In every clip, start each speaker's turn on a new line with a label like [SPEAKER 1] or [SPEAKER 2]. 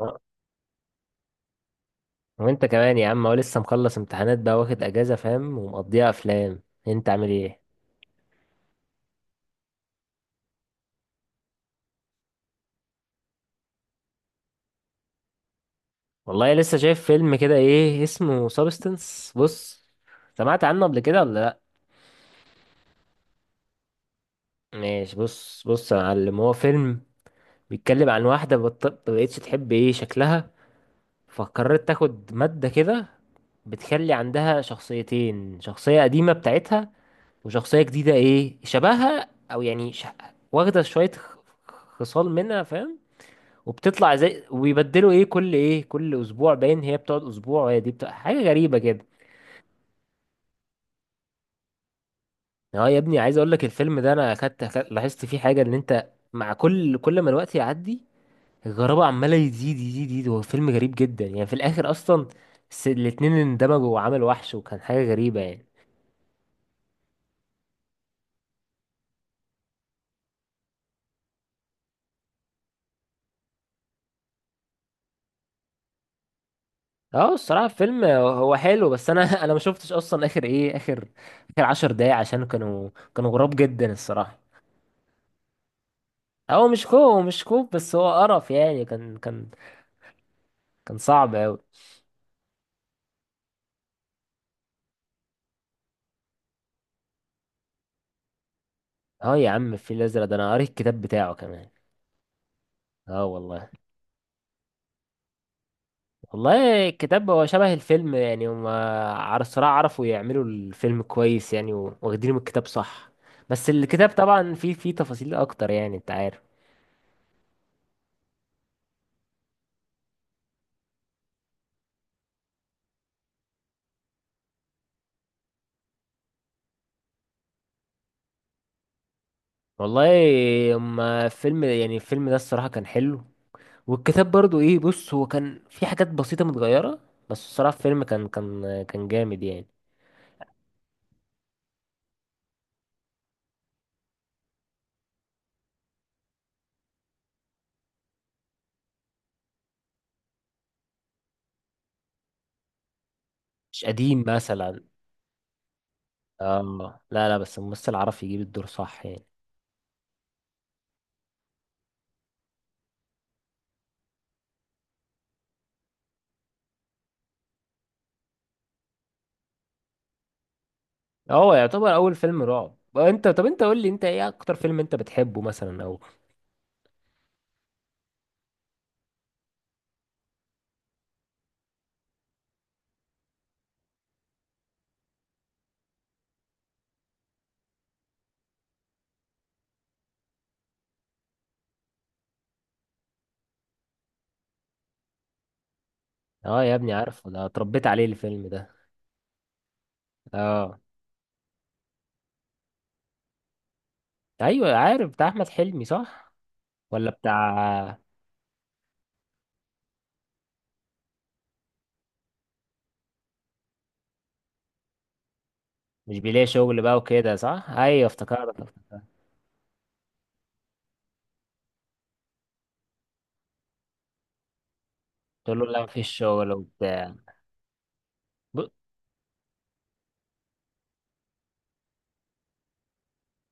[SPEAKER 1] آه. وانت كمان يا عم، هو لسه مخلص امتحانات بقى واخد اجازة، فاهم؟ ومقضيها افلام. انت عامل ايه؟ والله لسه شايف فيلم كده، ايه اسمه، سابستنس. بص، سمعت عنه قبل كده ولا لا؟ ماشي، بص بص يا معلم، هو فيلم بيتكلم عن واحدة ما بقتش تحب ايه شكلها، فقررت تاخد مادة كده بتخلي عندها شخصيتين، شخصية قديمة بتاعتها وشخصية جديدة ايه شبهها، او يعني واخدة شوية خصال منها، فاهم. وبتطلع زي وبيبدلوا ايه كل اسبوع، باين هي بتقعد اسبوع وهي دي بتقعد، حاجه غريبه كده. اه يا ابني، عايز اقول لك الفيلم ده انا لاحظت فيه حاجه، ان انت مع كل ما الوقت يعدي الغرابه عماله يزيد يزيد يزيد. هو فيلم غريب جدا يعني، في الاخر اصلا الاتنين اندمجوا وعملوا وحش، وكان حاجه غريبه يعني. اه، الصراحه الفيلم هو حلو، بس انا انا ما شفتش اصلا اخر ايه اخر اخر 10 دقايق، عشان كانوا غراب جدا الصراحه. هو مش كوب مش كوب، بس هو قرف يعني، كان صعب أوي. اه يا عم، الفيل الأزرق ده أنا قريت الكتاب بتاعه كمان. اه والله. والله الكتاب هو شبه الفيلم يعني، هما على الصراحة عرفوا يعملوا الفيلم كويس يعني، واخدينه من الكتاب صح. بس الكتاب طبعا فيه تفاصيل أكتر، يعني أنت عارف. والله، هما فيلم يعني الفيلم ده الصراحة كان حلو، والكتاب برضو إيه، بص، هو كان في حاجات بسيطة متغيرة، بس الصراحة الفيلم كان جامد يعني. مش قديم مثلا. اه لا لا، بس الممثل عرف يجيب الدور صح يعني. هو يعتبر اول فيلم رعب. انت، طب انت قول لي، انت ايه اكتر فيلم انت بتحبه مثلا، او... اه يا ابني، عارفه، ده اتربيت عليه الفيلم ده. اه. ايوه عارف بتاع احمد حلمي، صح؟ ولا بتاع... مش بيلاقي شغل بقى وكده، صح، ايوه افتكرت. تقول له لا مفيش شغل وبتاع. ب...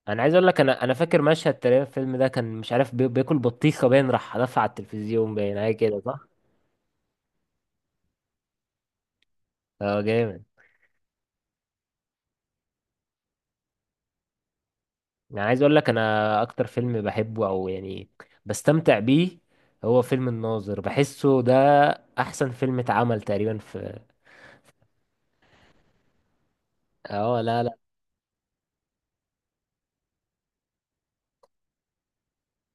[SPEAKER 1] انا عايز اقول لك، انا فاكر مشهد تقريبا في الفيلم ده، كان مش عارف بياكل بطيخه، باين راح دفع على التلفزيون باين حاجه كده، صح. اه جامد. يعني عايز اقول لك انا اكتر فيلم بحبه، او يعني بستمتع بيه، هو فيلم الناظر. بحسه ده احسن فيلم اتعمل تقريبا في... اه لا لا.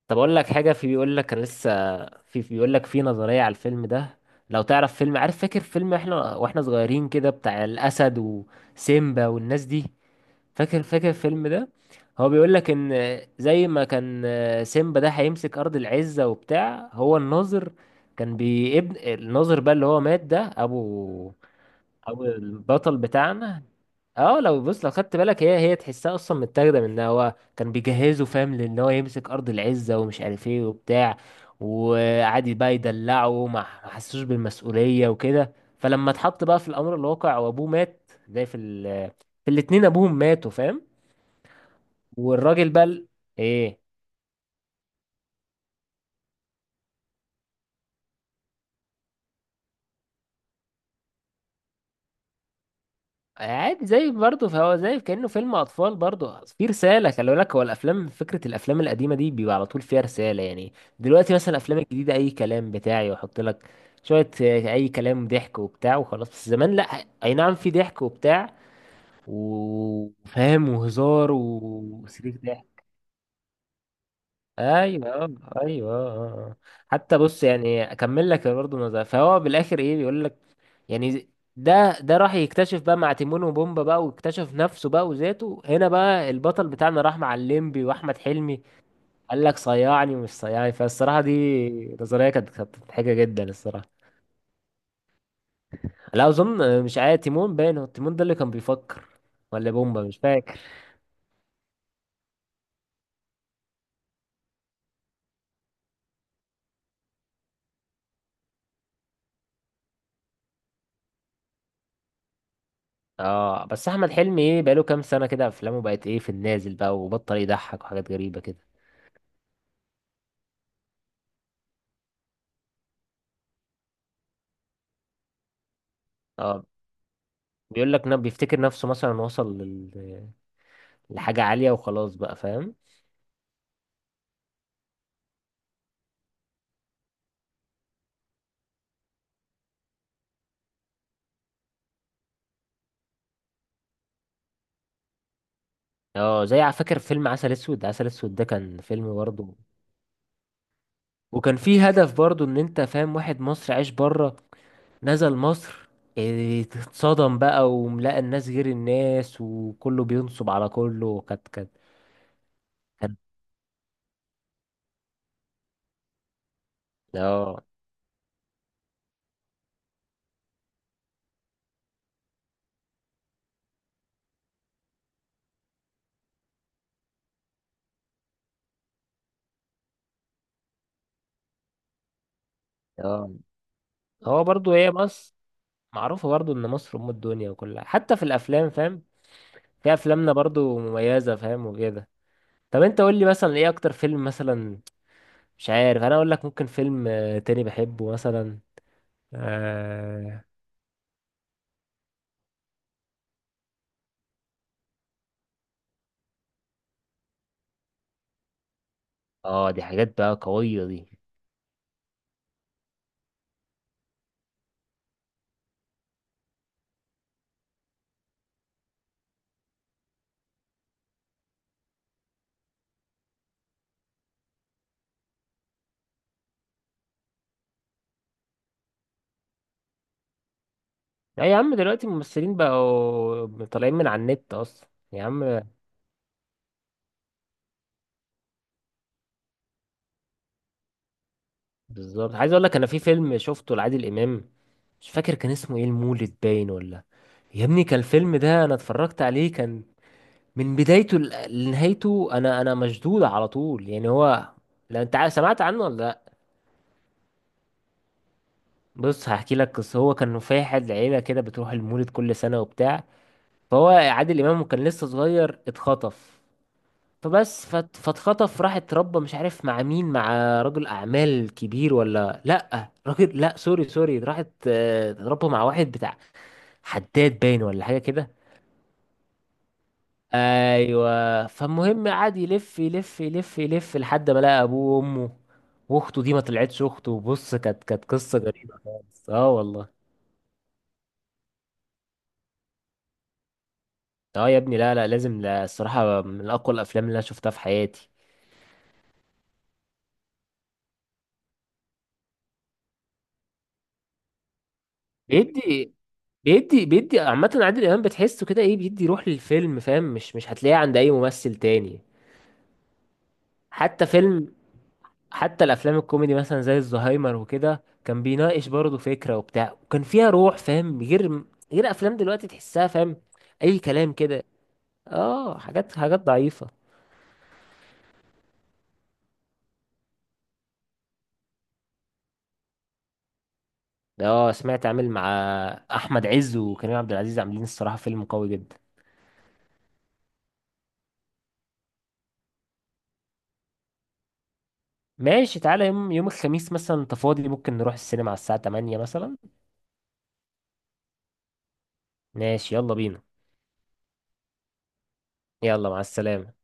[SPEAKER 1] طب اقول لك حاجه، في بيقول لك انا لسه، في بيقول لك في نظريه على الفيلم ده. لو تعرف فيلم، عارف فاكر فيلم احنا واحنا صغيرين كده بتاع الاسد وسيمبا والناس دي؟ فاكر فاكر الفيلم ده؟ هو بيقول لك ان زي ما كان سيمبا ده هيمسك ارض العزة وبتاع، هو الناظر كان بيبن الناظر بقى اللي هو مات، ده ابو البطل بتاعنا. اه لو بص، لو خدت بالك هي تحسها اصلا متاخده من إن هو كان بيجهزه فاهم، لان هو يمسك ارض العزه، ومش عارف ايه وبتاع، وقعد بقى يدلعه، ما حسوش بالمسؤوليه وكده. فلما اتحط بقى في الامر الواقع وابوه مات، زي في في الاتنين ابوهم ماتوا، فاهم. والراجل بقى ايه، عادي زي برضه، فهو زي كأنه فيلم اطفال برضه، في رسالة. خلي بالك، هو الافلام فكرة الافلام القديمة دي بيبقى على طول فيها رسالة يعني. دلوقتي مثلا الافلام الجديدة اي كلام بتاعي، ويحط لك شوية اي كلام ضحك وبتاع وخلاص. بس زمان لا، اي نعم في ضحك وبتاع وفاهم وهزار وسريك ضحك. ايوه، ايوه، آه. حتى بص، يعني اكمل لك برضه نظرة، فهو بالاخر ايه بيقول لك، يعني ده راح يكتشف بقى مع تيمون وبومبا بقى، واكتشف نفسه بقى وذاته. هنا بقى البطل بتاعنا راح مع الليمبي واحمد حلمي، قال لك صيعني ومش صيعني. فالصراحه دي نظريه كانت مضحكه جدا الصراحه. لا اظن، مش عارف، تيمون باين هو تيمون ده اللي كان بيفكر، ولا بومبا، مش فاكر. اه بس احمد حلمي، ايه، بقاله كام سنه كده، افلامه بقت ايه، في النازل بقى وبطل يضحك وحاجات غريبه كده. اه، بيقول لك بيفتكر نفسه مثلا وصل لحاجة عالية وخلاص بقى، فاهم. اه، زي على فكرة فيلم عسل اسود، عسل اسود ده كان فيلم برضه، وكان فيه هدف برضه، ان انت فاهم واحد مصري عايش بره، نزل مصر، اتصدم بقى وملاقى الناس غير الناس، وكله بينصب على كله، كانت- اه اه، هو برضه هي مصر معروفة برضه ان مصر ام الدنيا وكلها، حتى في الافلام، فاهم، في افلامنا برضه مميزة، فاهم وكده. طب انت قول لي مثلا ايه اكتر فيلم مثلا، مش عارف، انا اقول لك ممكن فيلم تاني بحبه مثلا. اه. آه، دي حاجات بقى قوية دي. لا يا عم، دلوقتي الممثلين بقوا طالعين من على النت اصلا، يا عم. بالظبط، عايز اقول لك انا في فيلم شفته لعادل امام، مش فاكر كان اسمه ايه، المولد باين، ولا... يا ابني، كان الفيلم ده انا اتفرجت عليه، كان من بدايته لنهايته، انا مشدود على طول يعني. هو، لو انت سمعت عنه ولا لا؟ بص هحكي لك قصة، هو كان فاحل عيلة كده بتروح المولد كل سنة وبتاع، فهو عادل امام كان لسه صغير، اتخطف. فبس فاتخطف راح اتربى، مش عارف مع مين، مع رجل اعمال كبير، ولا لا راجل، لا سوري سوري، راحت اتربى مع واحد بتاع حداد باين ولا حاجه كده. ايوه. فالمهم قعد يلف يلف يلف يلف لحد ما لقى ابوه وامه واخته، دي ما طلعتش اخته، بص، كانت قصه غريبه خالص، اه والله. اه يا ابني، لا لا لازم، لا الصراحه من اقوى الافلام اللي انا شفتها في حياتي. بيدي. بيدي عامة عادل إمام بتحسه كده، إيه، بيدي روح للفيلم، فاهم، مش هتلاقيه عند أي ممثل تاني. حتى فيلم حتى الأفلام الكوميدي مثلا زي الزهايمر وكده، كان بيناقش برضه فكرة وبتاع، وكان فيها روح، فاهم، غير أفلام دلوقتي تحسها، فاهم، أي كلام كده. حاجات ضعيفة. آه سمعت، عامل مع أحمد عز وكريم عبد العزيز، عاملين الصراحة فيلم قوي جدا. ماشي، تعالى يوم الخميس مثلا، أنت فاضي، ممكن نروح السينما على الساعة 8 مثلا. ماشي يلا بينا. يلا مع السلامة.